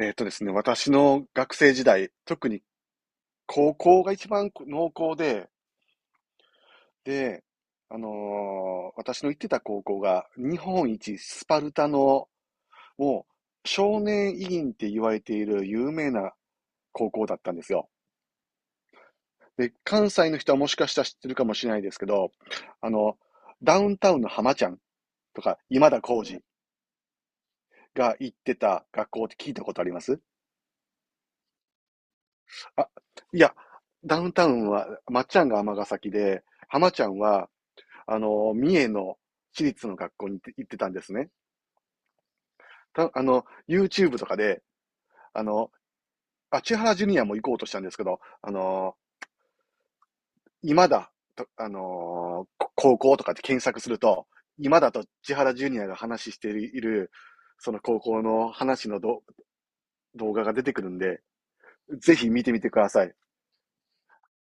えっとですね、私の学生時代、特に高校が一番濃厚で、で、私の行ってた高校が日本一スパルタの、もう少年委員って言われている有名な高校だったんですよ。で、関西の人はもしかしたら知ってるかもしれないですけど、あの、ダウンタウンの浜ちゃんとか今田耕司が行ってた学校って聞いたことあります？あ、いや、ダウンタウンは、まっちゃんが尼崎で、浜ちゃんは三重の私立の学校に行ってたんですね。た、あの、YouTube とかで、あの、千原ジュニアも行こうとしたんですけど、今だ、と高校とかって検索すると、今だと千原ジュニアが話している、その高校の話の動画が出てくるんで、ぜひ見てみてください。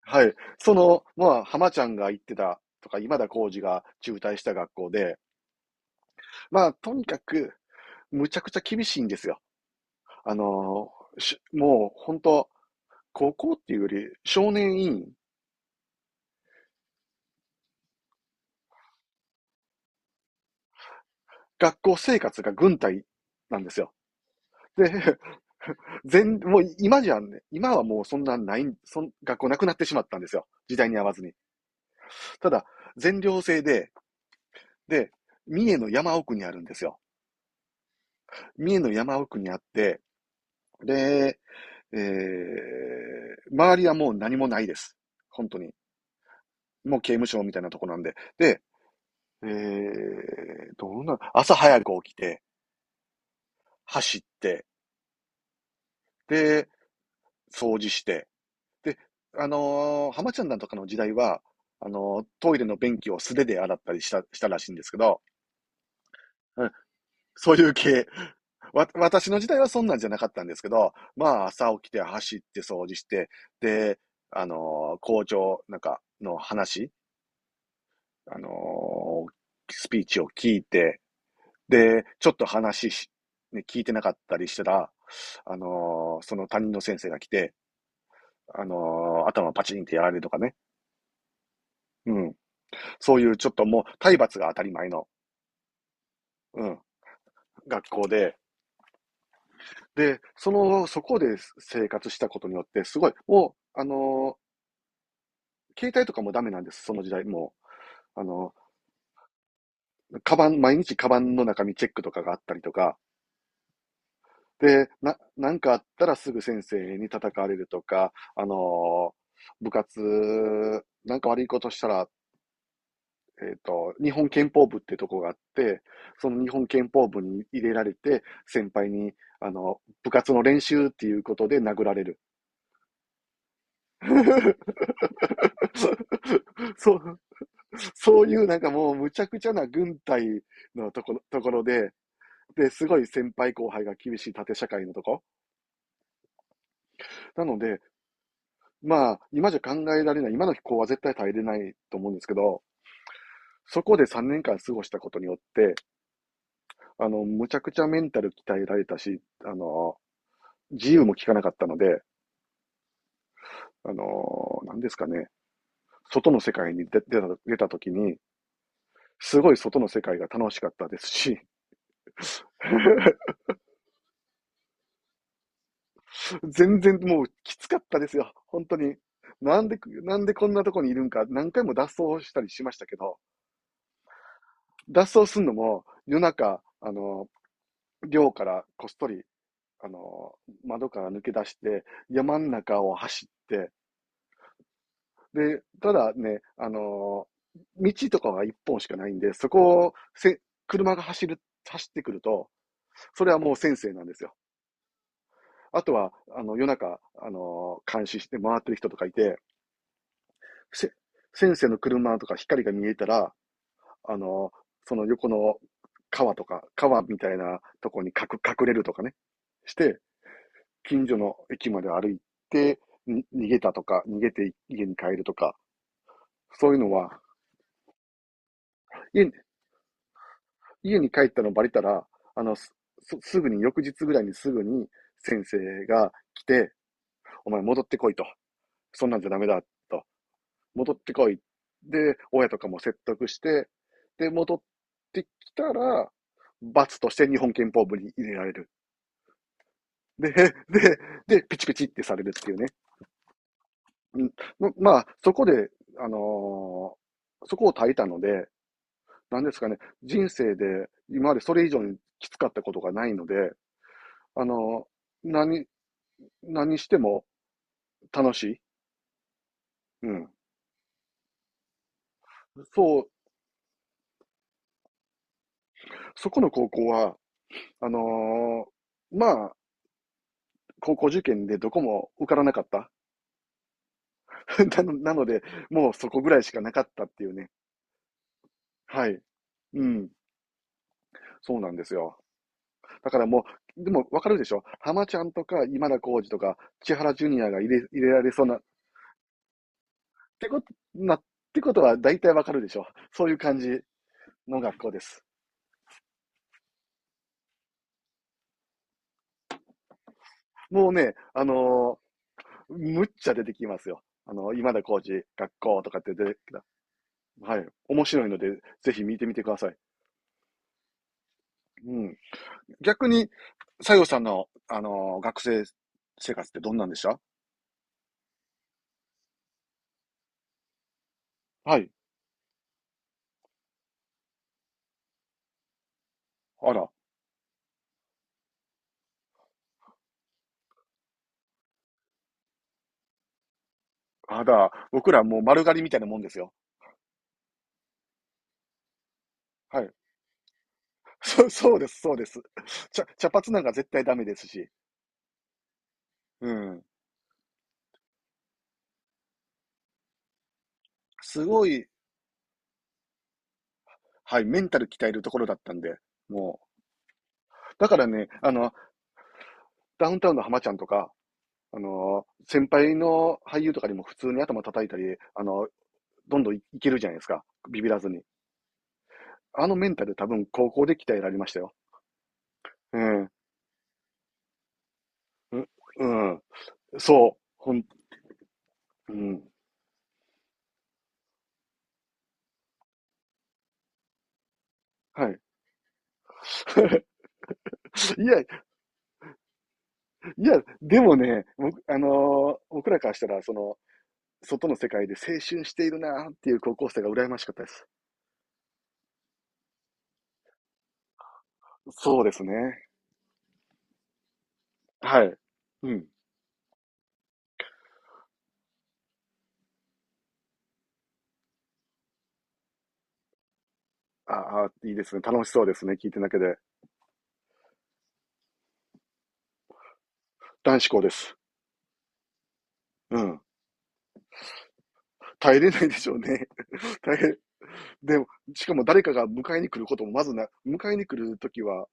はい。その、まあ、浜ちゃんが行ってたとか、今田耕司が中退した学校で、まあ、とにかく、むちゃくちゃ厳しいんですよ。あの、もう本当、高校っていうより少年院、学校生活が軍隊なんですよ。で、もう今じゃね、今はもうそんなないそん、学校なくなってしまったんですよ。時代に合わずに。ただ、全寮制で、で、三重の山奥にあるんですよ。三重の山奥にあって、で、周りはもう何もないです。本当に。もう刑務所みたいなとこなんで。で、えー、どうな、朝早く起きて、走って、で、掃除して、で、浜ちゃんなんとかの時代は、トイレの便器を素手で洗ったりしたらしいんですけど、うん、そういう系。私の時代はそんなんじゃなかったんですけど、まあ、朝起きて走って掃除して、で、校長なんかの話、あのースピーチを聞いて、で、ちょっと話し、ね、聞いてなかったりしたら、その担任の先生が来て、頭パチンってやられるとかね。うん。そういうちょっともう体罰が当たり前の、うん、学校で。で、その、そこで生活したことによって、すごい、もう、携帯とかもダメなんです、その時代。もう、カバン、毎日カバンの中身チェックとかがあったりとか、で、なんかあったらすぐ先生に叩かれるとか、部活、なんか悪いことしたらえっと、日本憲法部ってとこがあって、その日本憲法部に入れられて、先輩に、あの、部活の練習っていうことで殴られる。そう、そういうなんかもうむちゃくちゃな軍隊のところで、で、すごい先輩後輩が厳しい縦社会のとこ。なので、まあ、今じゃ考えられない、今の子は絶対耐えれないと思うんですけど、そこで3年間過ごしたことによって、あの、むちゃくちゃメンタル鍛えられたし、あの、自由も利かなかったので、何ですかね、外の世界に出た時に、すごい外の世界が楽しかったですし、全然もうきつかったですよ、本当に。なんでこんなとこにいるんか、何回も脱走したりしましたけど、脱走するのも夜中、寮からこっそり、あの窓から抜け出して、山ん中を走って、で、ただね、道とかは一本しかないんで、そこをせ車が走る、走ってくると、それはもう先生なんですよ。あとは、あの、夜中、監視して回ってる人とかいて、せ先生の車とか光が見えたら、あのーその横の川とか、川みたいなとこに隠れるとかね、して、近所の駅まで歩いて、に逃げたとか、逃げて家に帰るとか、そういうのは、家家に帰ったのバレたら、あの、すすぐに、翌日ぐらいにすぐに先生が来て、お前戻ってこいと。そんなんじゃダメだと。戻ってこい。で、親とかも説得して、で、戻ってきたら、罰として日本憲法部に入れられる。で、で、で、ピチピチってされるっていうね。うん、まあ、そこで、あのーそこを耐えたので、なんですかね、人生で今までそれ以上にきつかったことがないので、あの、何、何しても楽しい。うん。そう、そこの高校は、あのまあ、高校受験でどこも受からなかった。なので、もうそこぐらいしかなかったっていうね。はい。うん。そうなんですよ。だからもう、でもわかるでしょ？浜ちゃんとか今田耕司とか千原ジュニアが入れられそうな、ってこと、な、ってことは大体わかるでしょ？そういう感じの学校です。もうね、あのむっちゃ出てきますよ。あの、今田コー学校とかって出てきた。はい。面白いので、ぜひ見てみてください。うん。逆に、西郷さんの、あの、学生生活ってどんなんでした？はい。あら。あら、僕らもう丸刈りみたいなもんですよ。はい。そうです、そうです。茶髪なんか絶対ダメですし。うん。すごい、はい、メンタル鍛えるところだったんで、もう。だからね、あの、ダウンタウンの浜ちゃんとか、あの、先輩の俳優とかにも普通に頭叩いたり、あの、どんどんいけるじゃないですか。ビビらずに。あのメンタル多分高校で鍛えられましたよ。うん。うんうん。そう。ほん、うん。はい。いや、でもね、僕、僕らからしたら、その、外の世界で青春しているなっていう高校生が羨ましかったです。そうですね。はい。うん。ああ、いいですね。楽しそうですね。聞いてるだけで。男子校です。うん。耐えれないでしょうね。大変。でも、しかも誰かが迎えに来ることもまずな、迎えに来るときは、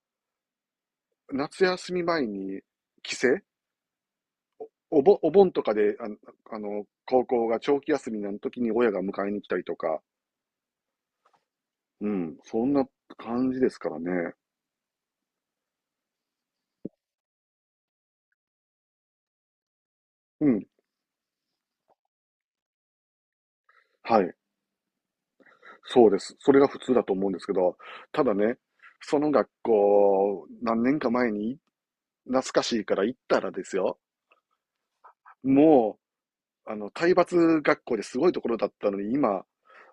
夏休み前に帰省お盆とかであの、高校が長期休みの時に親が迎えに来たりとか、うん、そんな感じですからね。うん、はい、そうです。それが普通だと思うんですけど、ただね、その学校、何年か前に懐かしいから行ったらですよ、もう、あの、体罰学校ですごいところだったのに、今、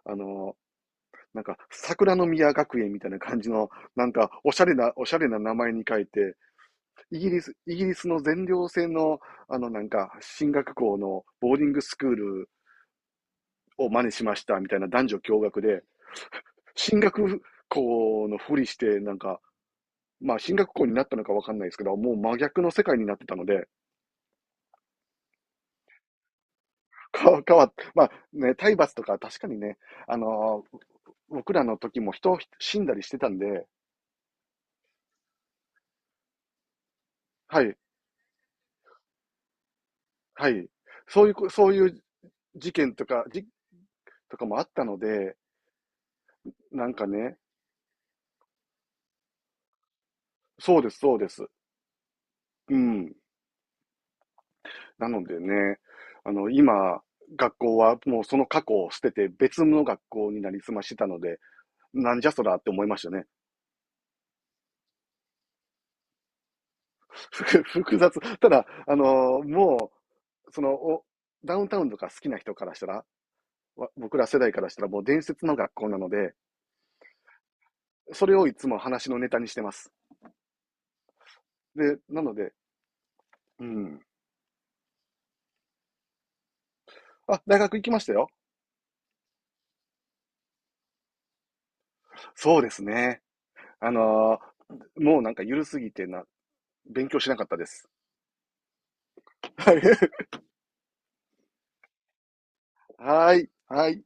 あの、なんか、桜の宮学園みたいな感じの、なんか、おしゃれな名前に書いて、イギリスの全寮制の、あの、なんか、進学校のボーディングスクールを真似しましたみたいな男女共学で、進学校のふりして、なんか、まあ、進学校になったのかわかんないですけど、もう真逆の世界になってたので、まあね、体罰とか確かにね、あのー僕らの時も人死んだりしてたんで、はい、はい。そういうこ、そういう事件とか、とかもあったので、なんかね、そうです、そうです。うん。なのでね、あの、今、学校はもうその過去を捨てて別の学校になりすましてたので、なんじゃそらって思いましたね。ふ複雑。ただ、あのもう、その、お、ダウンタウンとか好きな人からしたら、僕ら世代からしたらもう伝説の学校なので、それをいつも話のネタにしてます。で、なので、うん。あ、大学行きましたよ。そうですね。あのーもうなんかゆるすぎてな、勉強しなかったです。はい。はい。